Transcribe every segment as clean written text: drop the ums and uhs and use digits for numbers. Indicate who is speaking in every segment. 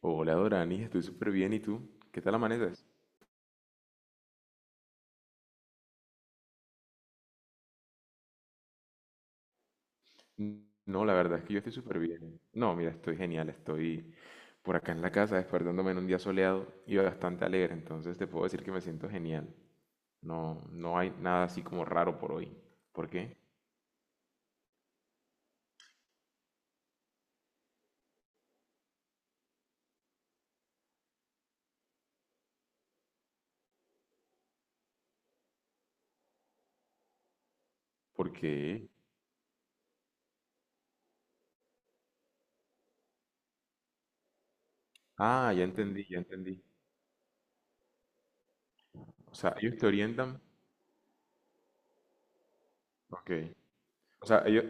Speaker 1: Hola Doranis, estoy súper bien. ¿Y tú? ¿Qué tal amaneces? No, la verdad es que yo estoy súper bien. No, mira, estoy genial. Estoy por acá en la casa despertándome en un día soleado y bastante alegre. Entonces te puedo decir que me siento genial. No, no hay nada así como raro por hoy. ¿Por qué? Porque... Ah, ya entendí, ya entendí. O sea, ellos te orientan. Ok. O sea, ellos,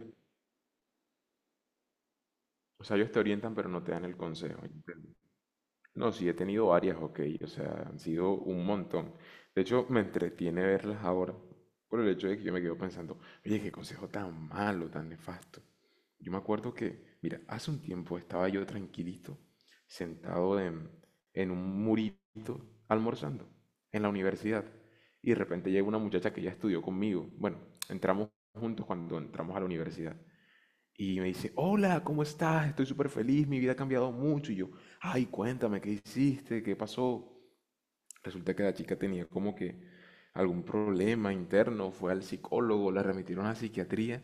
Speaker 1: o sea, ellos te orientan pero no te dan el consejo ya. No, sí, he tenido varias, ok, o sea, han sido un montón. De hecho, me entretiene verlas ahora por el hecho de que yo me quedo pensando, oye, qué consejo tan malo, tan nefasto. Yo me acuerdo que, mira, hace un tiempo estaba yo tranquilito, sentado en un murito, almorzando, en la universidad, y de repente llega una muchacha que ya estudió conmigo. Bueno, entramos juntos cuando entramos a la universidad. Y me dice, hola, ¿cómo estás? Estoy súper feliz, mi vida ha cambiado mucho. Y yo, ay, cuéntame, ¿qué hiciste? ¿Qué pasó? Resulta que la chica tenía como que algún problema interno, fue al psicólogo, la remitieron a la psiquiatría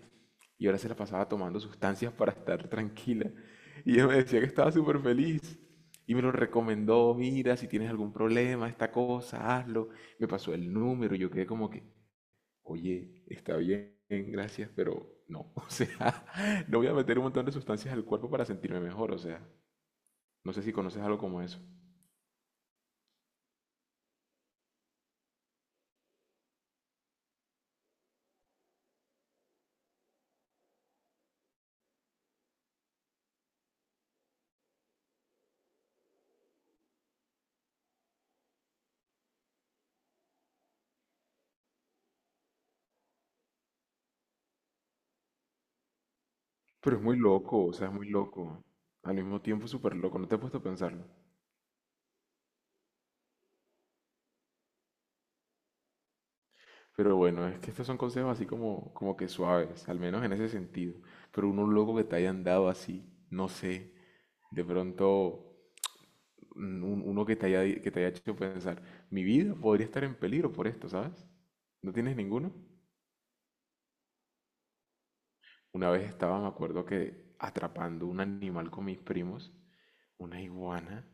Speaker 1: y ahora se la pasaba tomando sustancias para estar tranquila. Y ella me decía que estaba súper feliz. Y me lo recomendó, mira, si tienes algún problema, esta cosa, hazlo. Me pasó el número, yo quedé como que, oye, está bien, gracias, pero no. O sea, no voy a meter un montón de sustancias al cuerpo para sentirme mejor. O sea, no sé si conoces algo como eso. Pero es muy loco, o sea, es muy loco. Al mismo tiempo, súper loco. No te he puesto a pensarlo. Pero bueno, es que estos son consejos así como, como que suaves, al menos en ese sentido. Pero uno loco que te hayan dado así, no sé. De pronto, uno que te haya, que te haya hecho pensar, mi vida podría estar en peligro por esto, ¿sabes? ¿No tienes ninguno? Una vez estaba, me acuerdo que atrapando un animal con mis primos, una iguana,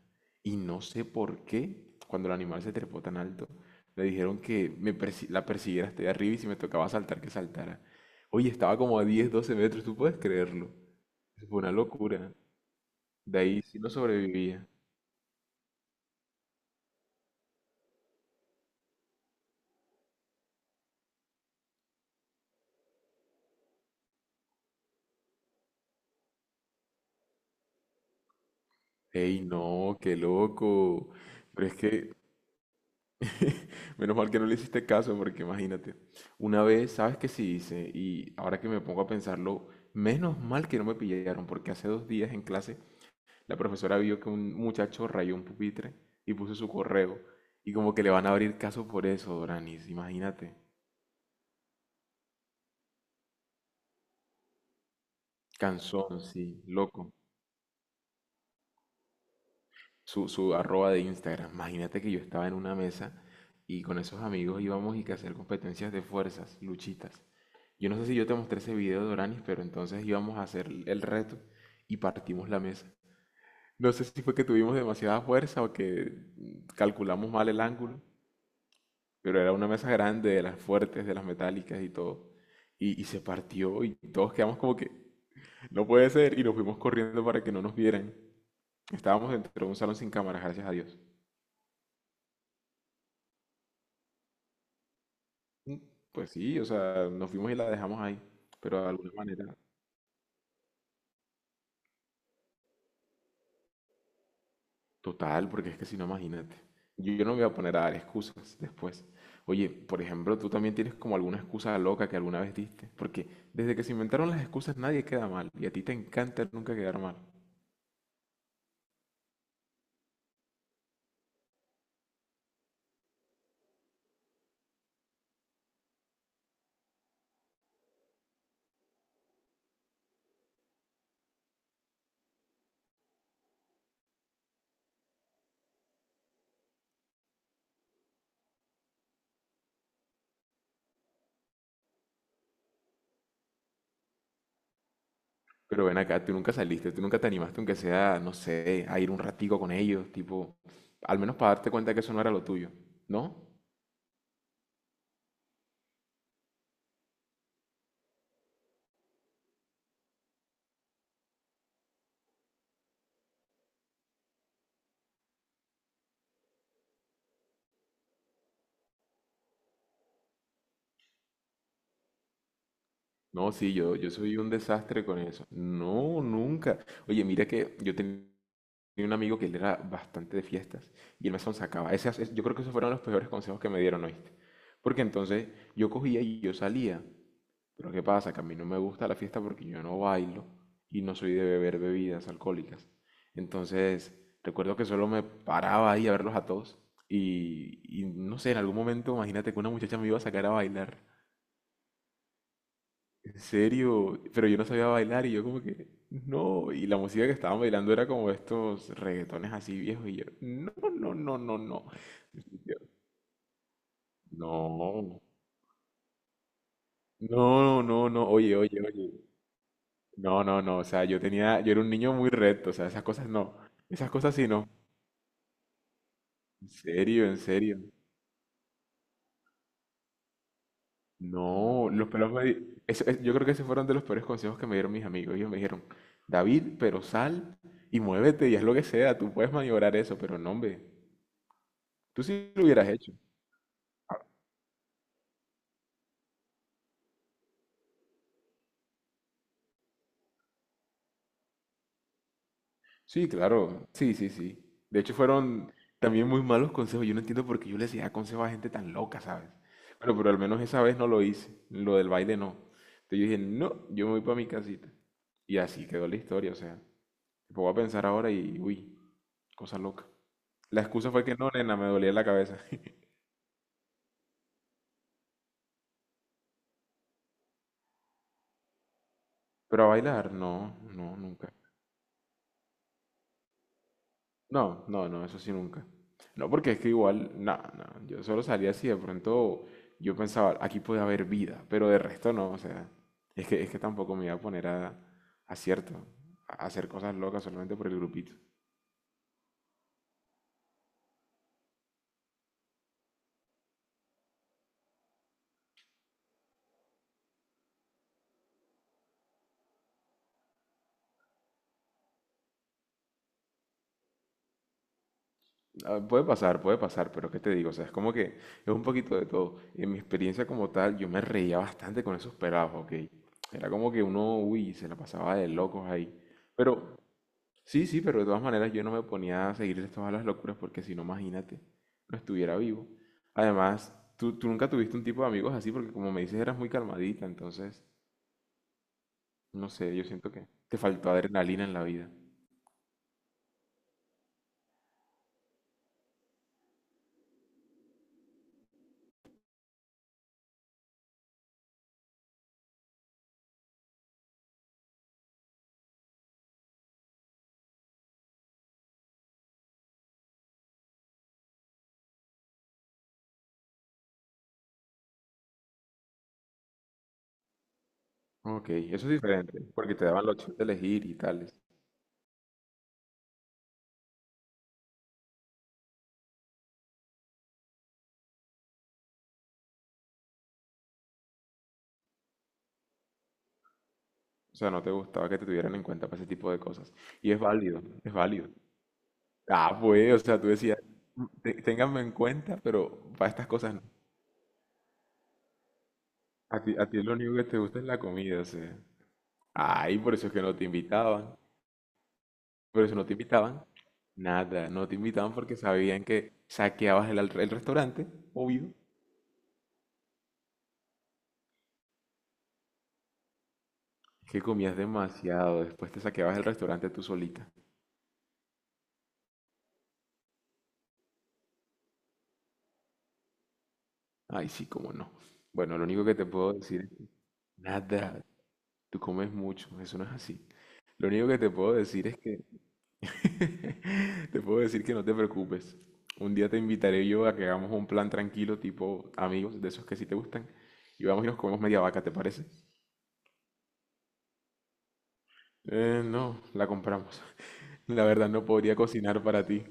Speaker 1: y no sé por qué, cuando el animal se trepó tan alto, le dijeron que la persiguiera hasta allá arriba y si me tocaba saltar, que saltara. Oye, estaba como a 10 12 metros, ¿tú puedes creerlo? Eso fue una locura. De ahí sí no sobrevivía. Ey, no, qué loco. Pero es que menos mal que no le hiciste caso, porque imagínate, una vez, ¿sabes qué sí hice? Y ahora que me pongo a pensarlo, menos mal que no me pillaron, porque hace 2 días en clase la profesora vio que un muchacho rayó un pupitre y puso su correo. Y como que le van a abrir caso por eso, Doranis, imagínate. Cansón, sí, loco. Su arroba de Instagram. Imagínate que yo estaba en una mesa y con esos amigos íbamos y que hacer competencias de fuerzas, luchitas. Yo no sé si yo te mostré ese video de Oranis, pero entonces íbamos a hacer el reto y partimos la mesa. No sé si fue que tuvimos demasiada fuerza o que calculamos mal el ángulo, pero era una mesa grande, de las fuertes, de las metálicas y todo. Y se partió y todos quedamos como que no puede ser y nos fuimos corriendo para que no nos vieran. Estábamos dentro de un salón sin cámaras, gracias a Dios. Mm, Pues sí, o sea, nos fuimos y la dejamos ahí, pero de alguna manera, total, porque es que si no, imagínate, yo no me voy a poner a dar excusas después. Oye, por ejemplo, tú también tienes como alguna excusa loca que alguna vez diste, porque desde que se inventaron las excusas nadie queda mal y a ti te encanta nunca quedar mal. Pero ven acá, tú nunca saliste, tú nunca te animaste, aunque sea, no sé, a ir un ratico con ellos, tipo, al menos para darte cuenta que eso no era lo tuyo, ¿no? No, sí, yo soy un desastre con eso. No, nunca. Oye, mira que yo tenía un amigo que él era bastante de fiestas y el mesón sacaba. Yo creo que esos fueron los peores consejos que me dieron, ¿oíste? Porque entonces yo cogía y yo salía. Pero ¿qué pasa? Que a mí no me gusta la fiesta porque yo no bailo y no soy de beber bebidas alcohólicas. Entonces, recuerdo que solo me paraba ahí a verlos a todos. Y no sé, en algún momento, imagínate que una muchacha me iba a sacar a bailar en serio, pero yo no sabía bailar y yo como que, no, y la música que estaban bailando era como estos reggaetones así viejos y yo, no, no, no, no, no. Yo, No, no, no, no, oye, oye, oye. No, no, no, o sea, yo tenía, yo era un niño muy recto, o sea, esas cosas no, esas cosas sí no. En serio, en serio. No, los pelos me di- eso- es- yo creo que esos fueron de los peores consejos que me dieron mis amigos. Ellos me dijeron, David, pero sal y muévete y haz lo que sea, tú puedes maniobrar eso, pero no, hombre. Tú sí lo hubieras hecho. Sí, claro. Sí, sí, sí. De hecho, fueron también muy malos consejos. Yo no entiendo por qué yo le hacía consejos a gente tan loca, ¿sabes? Bueno, pero al menos esa vez no lo hice. Lo del baile no. Entonces yo dije, no, yo me voy para mi casita. Y así quedó la historia. O sea, me pongo a pensar ahora y, uy, cosa loca. La excusa fue que no, nena, me dolía la cabeza. Pero a bailar, no, no, nunca. No, no, no, eso sí nunca. No, porque es que igual, no, no, yo solo salía así de pronto yo pensaba, aquí puede haber vida, pero de resto no, o sea, es que tampoco me iba a poner a cierto, a hacer cosas locas solamente por el grupito. Ah, puede pasar, puede pasar, pero ¿qué te digo? O sea, es como que es un poquito de todo. En mi experiencia como tal, yo me reía bastante con esos pelados, ¿ok? Era como que uno, uy, se la pasaba de locos ahí. Pero sí, sí, pero de todas maneras yo no me ponía a seguirle todas las locuras porque si no, imagínate, no estuviera vivo. Además, tú nunca tuviste un tipo de amigos así porque como me dices eras muy calmadita, entonces, no sé, yo siento que te faltó adrenalina en la vida. Ok, eso es diferente, porque te daban la opción de elegir y tales. O sea, no te gustaba que te tuvieran en cuenta para ese tipo de cosas. Y es válido, es válido. Ah, pues, o sea, tú decías, "Mm, ténganme en cuenta, pero para estas cosas no." A ti lo único que te gusta es la comida, o sea. Ay, por eso es que no te invitaban. Por eso no te invitaban. Nada, no te invitaban porque sabían que saqueabas el, el restaurante, obvio, que comías demasiado. Después te saqueabas el restaurante tú solita. Ay, sí, cómo no. Bueno, lo único que te puedo decir es que nada, tú comes mucho, eso no es así. Lo único que te puedo decir es que, te puedo decir que no te preocupes. Un día te invitaré yo a que hagamos un plan tranquilo, tipo amigos, de esos que sí te gustan, y vamos y nos comemos media vaca, ¿te parece? No, la compramos. La verdad no podría cocinar para ti.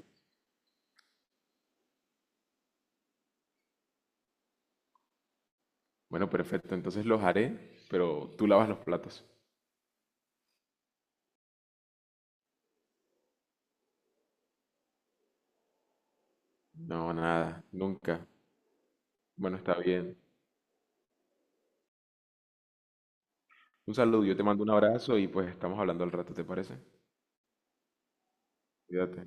Speaker 1: Bueno, perfecto, entonces los haré, pero tú lavas los platos. No, nada, nunca. Bueno, está bien. Un saludo, yo te mando un abrazo y pues estamos hablando al rato, ¿te parece? Cuídate.